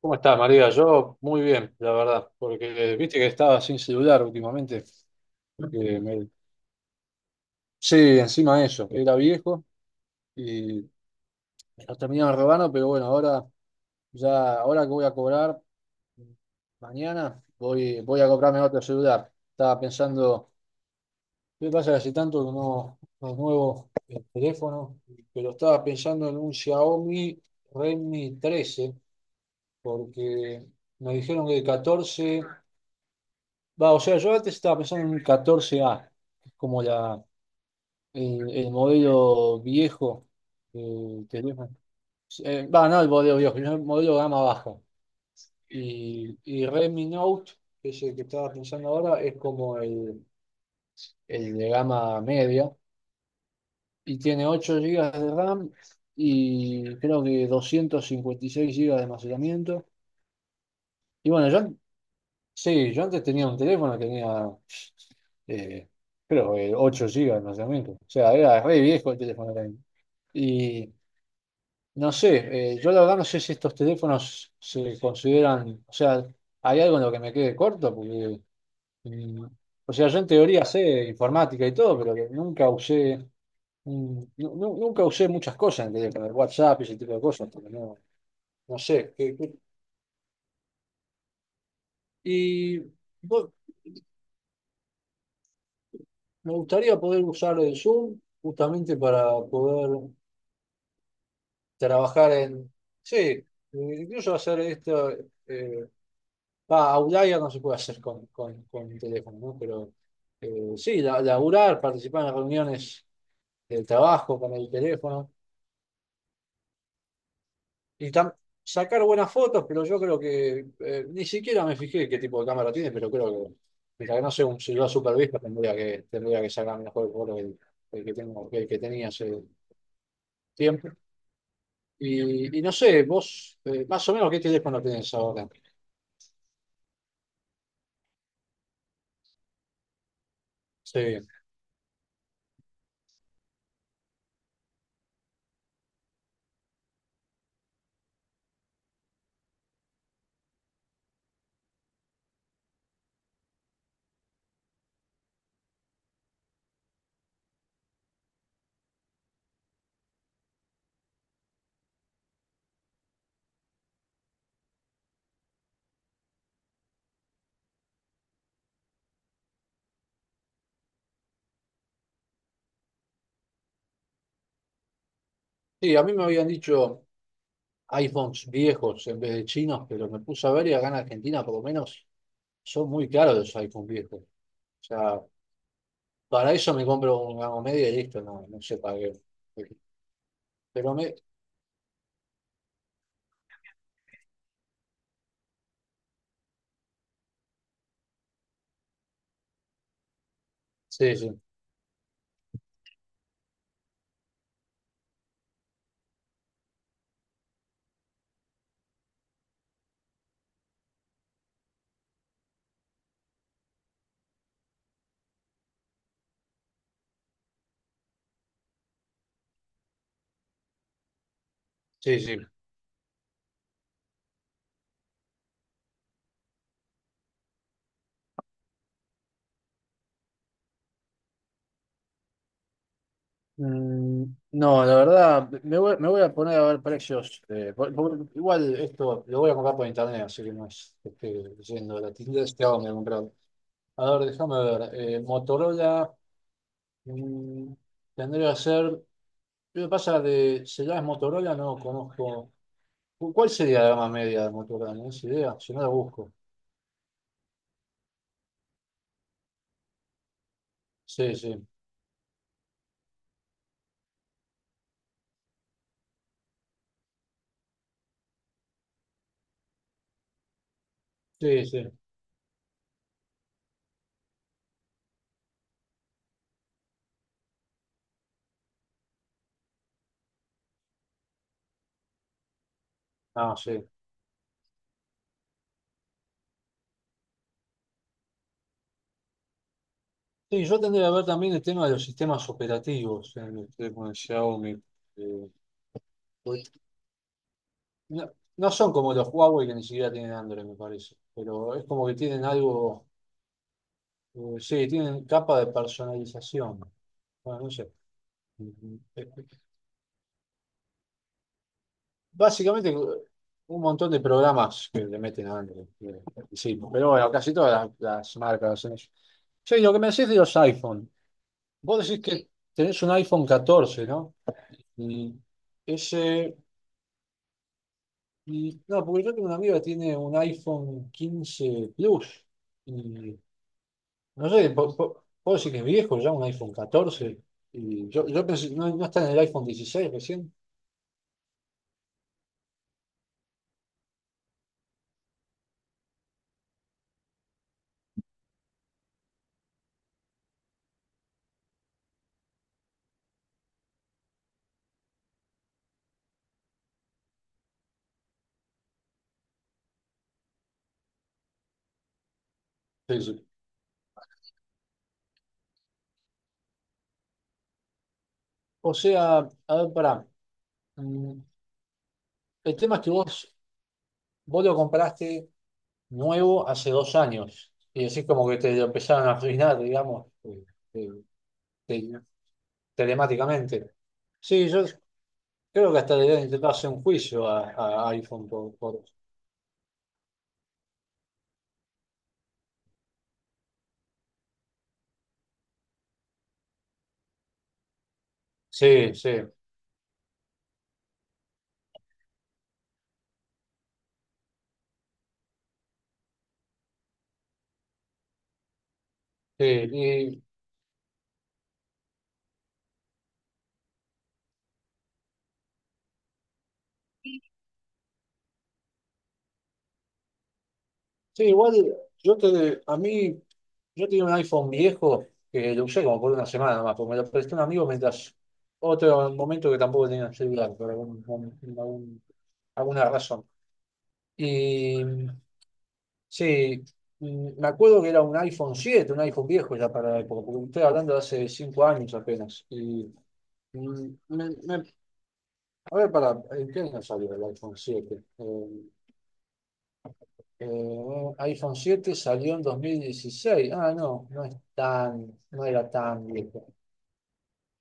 ¿Cómo estás, María? Yo muy bien, la verdad, porque viste que estaba sin celular últimamente. que me- Sí, encima de eso, era viejo y me lo terminaron robando, pero bueno, ahora ya, ahora que voy a cobrar mañana, voy a comprarme otro celular. Estaba pensando, ¿qué pasa que hace tanto que no nuevo el teléfono? Pero estaba pensando en un Xiaomi Redmi 13, porque me dijeron que el 14 o sea, yo antes estaba pensando en un 14A, que es como el modelo viejo. Que le No el modelo viejo, sino el modelo gama baja. Y Redmi Note, que es el que estaba pensando ahora, es como el de gama media. Y tiene 8 gigas de RAM y creo que 256 gigas de almacenamiento. Y bueno, sí, yo antes tenía un teléfono que tenía, eh, creo que, 8 GB de almacenamiento. O sea, era re viejo el teléfono también. Y no sé, yo la verdad no sé si estos teléfonos se consideran, o sea, hay algo en lo que me quede corto, porque, mm, o sea, yo en teoría sé informática y todo, pero que nunca usé, nunca usé muchas cosas en el teléfono, el WhatsApp y ese tipo de cosas, porque no, no sé. Y vos- Me gustaría poder usar el Zoom justamente para poder trabajar en. Sí, incluso hacer esto. eh, Outlier no se puede hacer con el teléfono, ¿no? Pero sí, laburar, participar en las reuniones de trabajo con el teléfono, y tam- sacar buenas fotos. Pero yo creo que, ni siquiera me fijé qué tipo de cámara tiene, pero creo que, mientras que no sea un celular super viejo, tendría que sacar mejor foto que el que tengo, que el que tenía hace tiempo. Y no sé, vos, más o menos, ¿qué teléfono tenés ahora? Sí. Sí, a mí me habían dicho iPhones viejos en vez de chinos, pero me puse a ver y acá en Argentina por lo menos son muy caros los iPhones viejos. O sea, para eso me compro un gama media y listo, no sé para qué. Pero me. Sí, sí, sí, sí. Mm, no, la verdad, me voy a poner a ver precios. Igual esto lo voy a comprar por internet, así que no es que esté yendo a la tienda, este hago me he comprado. A ver, déjame ver. Motorola, mm, tendría que ser. Lo que pasa de celulares Motorola no conozco. ¿Cuál sería la gama media de Motorola? ¿No es idea? Si no la busco. Sí, sí. Sí, sí. Ah, sí. Sí, yo tendría que ver también el tema de los sistemas operativos en los teléfonos de Xiaomi. eh, Porque no, no, son como los Huawei, que ni siquiera tienen Android, me parece. Pero es como que tienen algo. Sí, tienen capa de personalización. Bueno, no sé. Básicamente, un montón de programas que le meten a Android. Que Sí, pero bueno, casi todas las marcas hacen eso. Sí, lo que me decís de los iPhone. Vos decís que sí. Tenés un iPhone 14, ¿no? Y ese. No, porque yo tengo una amiga que tiene un iPhone 15 Plus. Y no sé, puedo decir que es viejo ya, un iPhone 14. Y yo pensé, no, no está en el iPhone 16 recién. Sí, sí. O sea, a ver, pará. Mm, El tema es que vos lo compraste nuevo hace 2 años y así como que te lo empezaron a arruinar, digamos, eh, te- telemáticamente. Sí, yo creo que hasta le deben intentar hacer un juicio a iPhone Sí, sí, sí. Y sí, igual yo te, a mí, yo tenía un iPhone viejo que lo usé como por una semana más, porque me lo prestó un amigo mientras otro momento que tampoco tenía celular, por algún- alguna razón. Y sí, me acuerdo que era un iPhone 7, un iPhone viejo ya para la época, porque estoy hablando de hace 5 años apenas. Y, mm, me- me- a ver, para, ¿en qué año salió el iPhone 7? iPhone 7 salió en 2016. Ah, no, no es tan, no era tan viejo.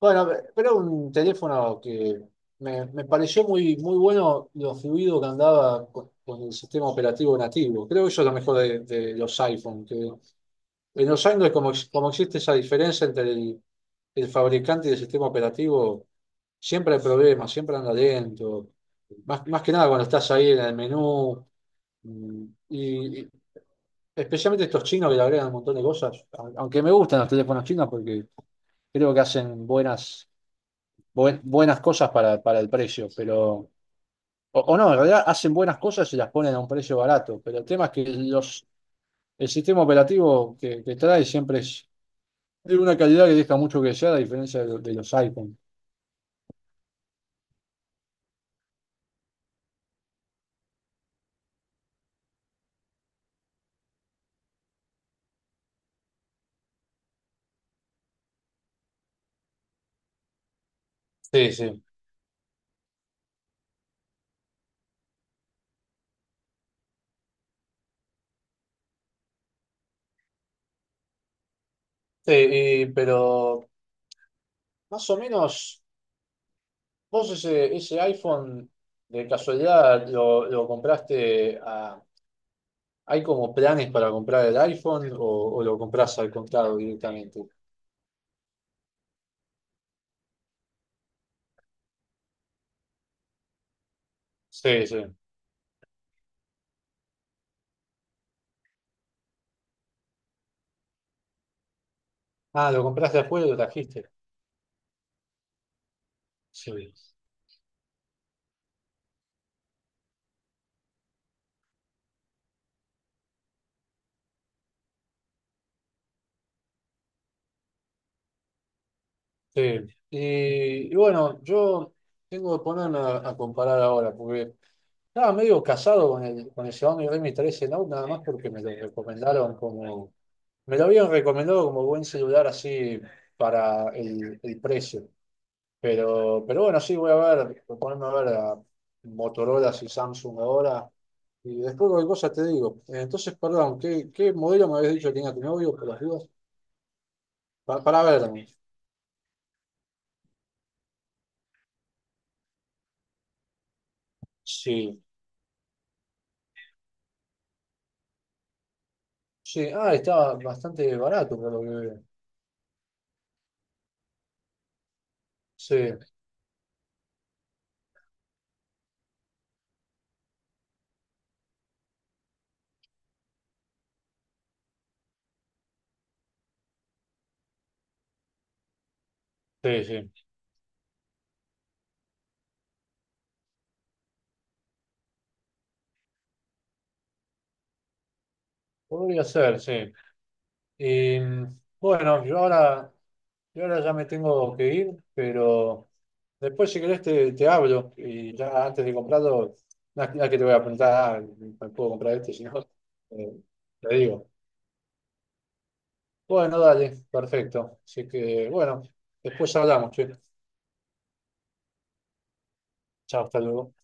Bueno, pero un teléfono que me pareció muy, muy bueno lo fluido que andaba con el sistema operativo nativo. Creo que eso es lo mejor de los iPhone. Que En los Android, como existe esa diferencia entre el fabricante y el sistema operativo, siempre hay problemas, siempre anda lento. Más que nada cuando estás ahí en el menú. mm, y especialmente estos chinos que le agregan un montón de cosas. Aunque me gustan los teléfonos chinos porque creo que hacen buenas, buenas cosas para el precio. Pero, o no, en realidad hacen buenas cosas y las ponen a un precio barato. Pero el tema es que el sistema operativo que trae siempre es tiene una calidad que deja mucho que desear, a diferencia de los iPhone. Sí, sí. Sí, pero más o menos, vos ese iPhone de casualidad lo compraste a. ¿Hay como planes para comprar el iPhone o lo compras al contado directamente? Sí, sí. Ah, lo compraste después y lo trajiste. Sí. Sí. Y bueno, yo tengo que ponerme a comparar ahora, porque estaba medio casado con el Xiaomi Redmi 13 Note, nada más porque me lo recomendaron como. Me lo habían recomendado como buen celular así para el precio. Pero bueno, sí, voy a ver, voy a ponerme a ver a Motorola y Samsung ahora. Y después cualquier cosa te digo. Entonces, perdón, ¿qué modelo me habías dicho que tenía tu novio por las dudas? Para ver. Sí, sí. Ah, estaba bastante barato por lo que veo. Sí, sí, sí. Podría ser, sí. Y bueno, yo ahora ya me tengo que ir, pero después si querés te, hablo y ya antes de comprarlo, no es que te voy a preguntar, ah, ¿me puedo comprar este? Si no, eh, te digo. Bueno, dale, perfecto. Así que bueno, después hablamos, che. Chao, hasta luego.